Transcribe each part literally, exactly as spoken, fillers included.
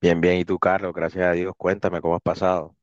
Bien, bien. ¿Y tú, Carlos? Gracias a Dios. Cuéntame cómo has pasado.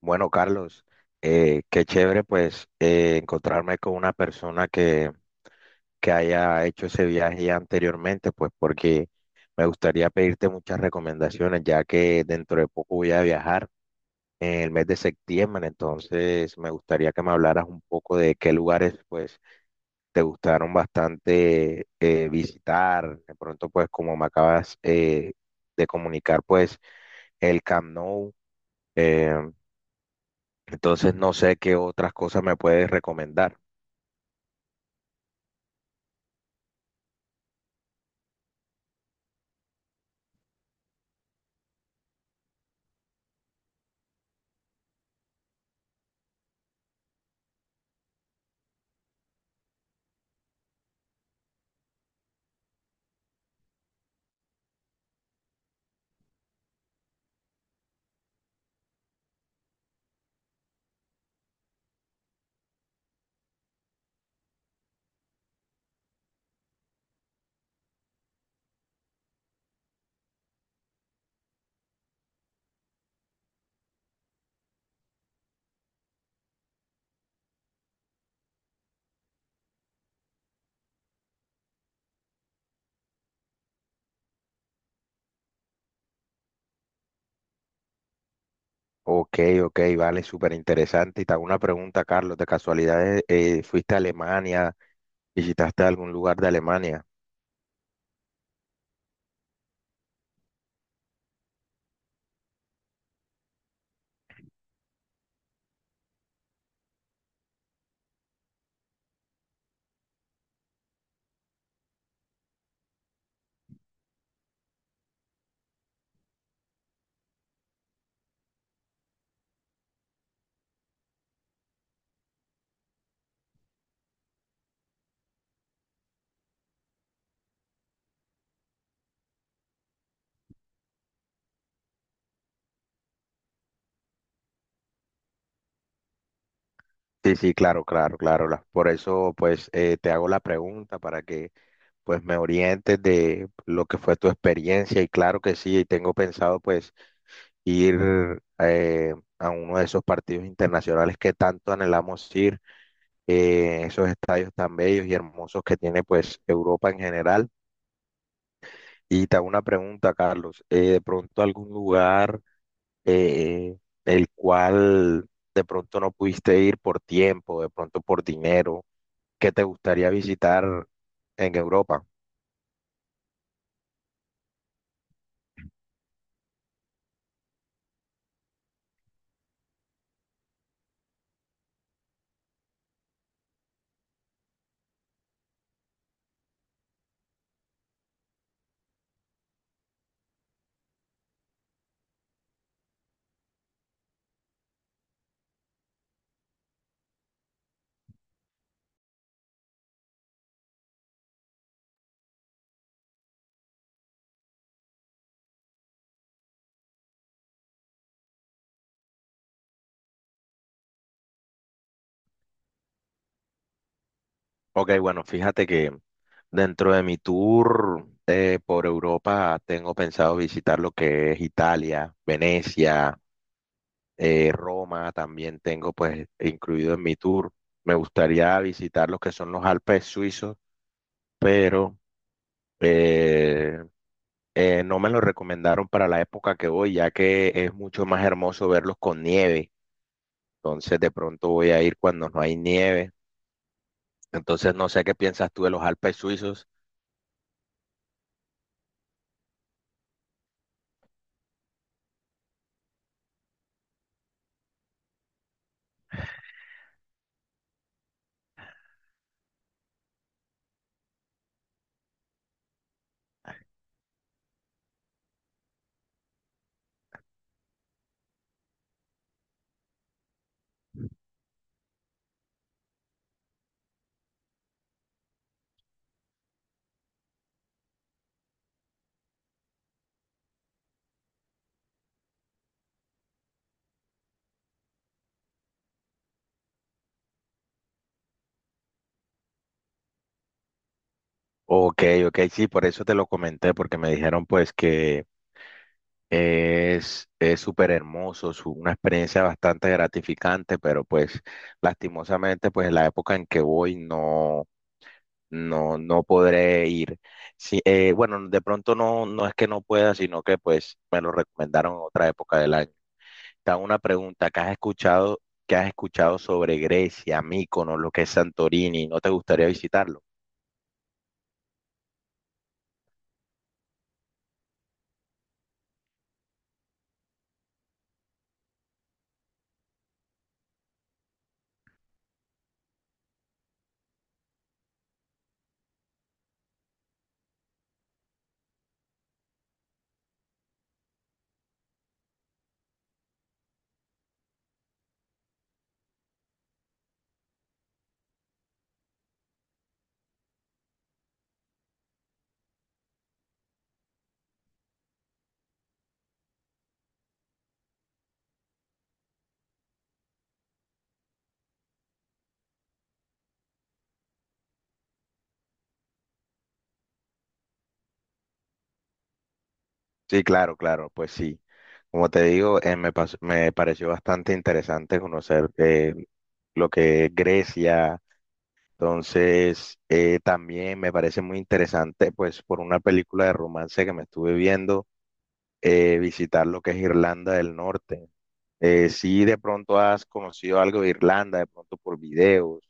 Bueno, Carlos, eh, qué chévere pues eh, encontrarme con una persona que, que haya hecho ese viaje ya anteriormente, pues porque me gustaría pedirte muchas recomendaciones, ya que dentro de poco voy a viajar en el mes de septiembre. Entonces me gustaría que me hablaras un poco de qué lugares pues te gustaron bastante eh, visitar, de pronto pues como me acabas eh, de comunicar pues el Camp Nou. eh, entonces no sé qué otras cosas me puedes recomendar. Ok, ok, vale, súper interesante. Y te hago una pregunta, Carlos, de casualidad, eh, eh, ¿fuiste a Alemania? ¿Visitaste algún lugar de Alemania? Sí, sí, claro, claro, claro. la- Por eso, pues, eh, te hago la pregunta para que, pues, me orientes de lo que fue tu experiencia. Y claro que sí, tengo pensado, pues, ir eh, a uno de esos partidos internacionales que tanto anhelamos ir. Eh, esos estadios tan bellos y hermosos que tiene pues Europa en general. Y te hago una pregunta, Carlos, eh, de pronto algún lugar eh, el cual de pronto no pudiste ir por tiempo, de pronto por dinero, que te gustaría visitar en Europa. Ok, bueno, fíjate que dentro de mi tour eh, por Europa tengo pensado visitar lo que es Italia, Venecia, eh, Roma también tengo pues incluido en mi tour. Me gustaría visitar los que son los Alpes suizos, pero eh, eh, no me lo recomendaron para la época que voy, ya que es mucho más hermoso verlos con nieve. Entonces de pronto voy a ir cuando no hay nieve. Entonces no sé qué piensas tú de los Alpes suizos. Ok, ok, sí, por eso te lo comenté, porque me dijeron pues que Es, es súper hermoso, es una experiencia bastante gratificante, pero pues lastimosamente pues en la época en que voy no, no, no podré ir. Sí, eh, bueno, de pronto no, no es que no pueda, sino que pues me lo recomendaron en otra época del año. Te hago una pregunta, ¿qué has escuchado, ¿qué has escuchado sobre Grecia, Míconos, lo que es Santorini? ¿No te gustaría visitarlo? Sí, claro, claro, pues sí. Como te digo, eh, me, pas- me pareció bastante interesante conocer eh, lo que es Grecia. Entonces, eh, también me parece muy interesante, pues por una película de romance que me estuve viendo, eh, visitar lo que es Irlanda del Norte. Eh, si de pronto has conocido algo de Irlanda, de pronto por videos.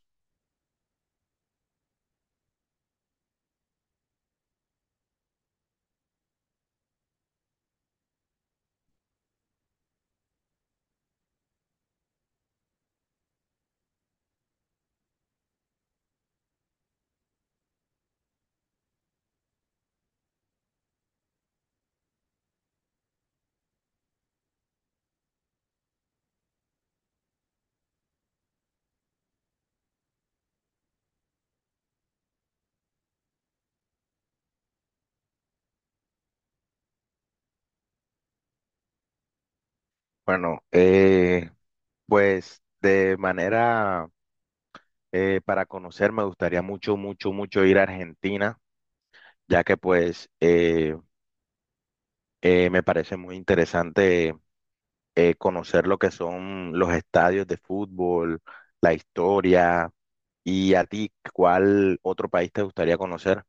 Bueno, eh, pues de manera eh, para conocer, me gustaría mucho, mucho, mucho ir a Argentina, ya que pues eh, eh, me parece muy interesante eh, conocer lo que son los estadios de fútbol, la historia, y a ti, ¿cuál otro país te gustaría conocer?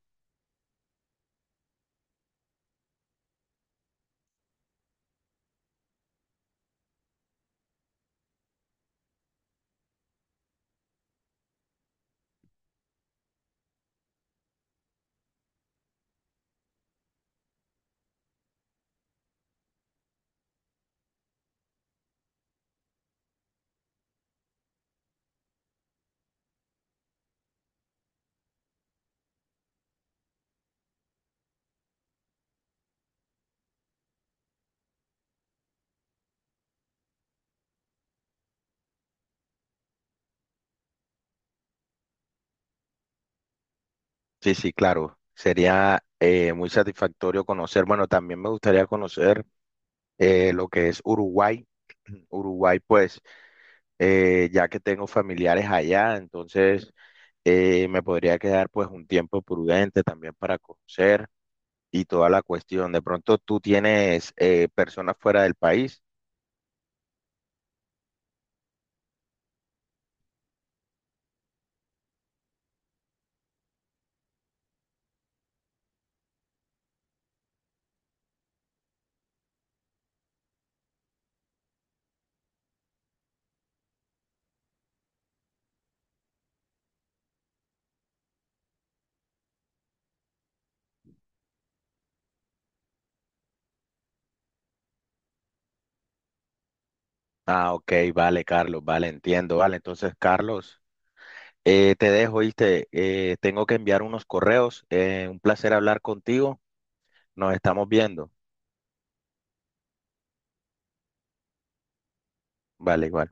Sí, sí, claro, sería eh, muy satisfactorio conocer, bueno, también me gustaría conocer eh, lo que es Uruguay. Uruguay, pues, eh, ya que tengo familiares allá, entonces eh, me podría quedar pues un tiempo prudente también para conocer y toda la cuestión. De pronto tú tienes eh, personas fuera del país. Ah, ok, vale, Carlos, vale, entiendo, vale. Entonces, Carlos, eh, te dejo, ¿viste? Eh, tengo que enviar unos correos. Eh, un placer hablar contigo. Nos estamos viendo. Vale, igual.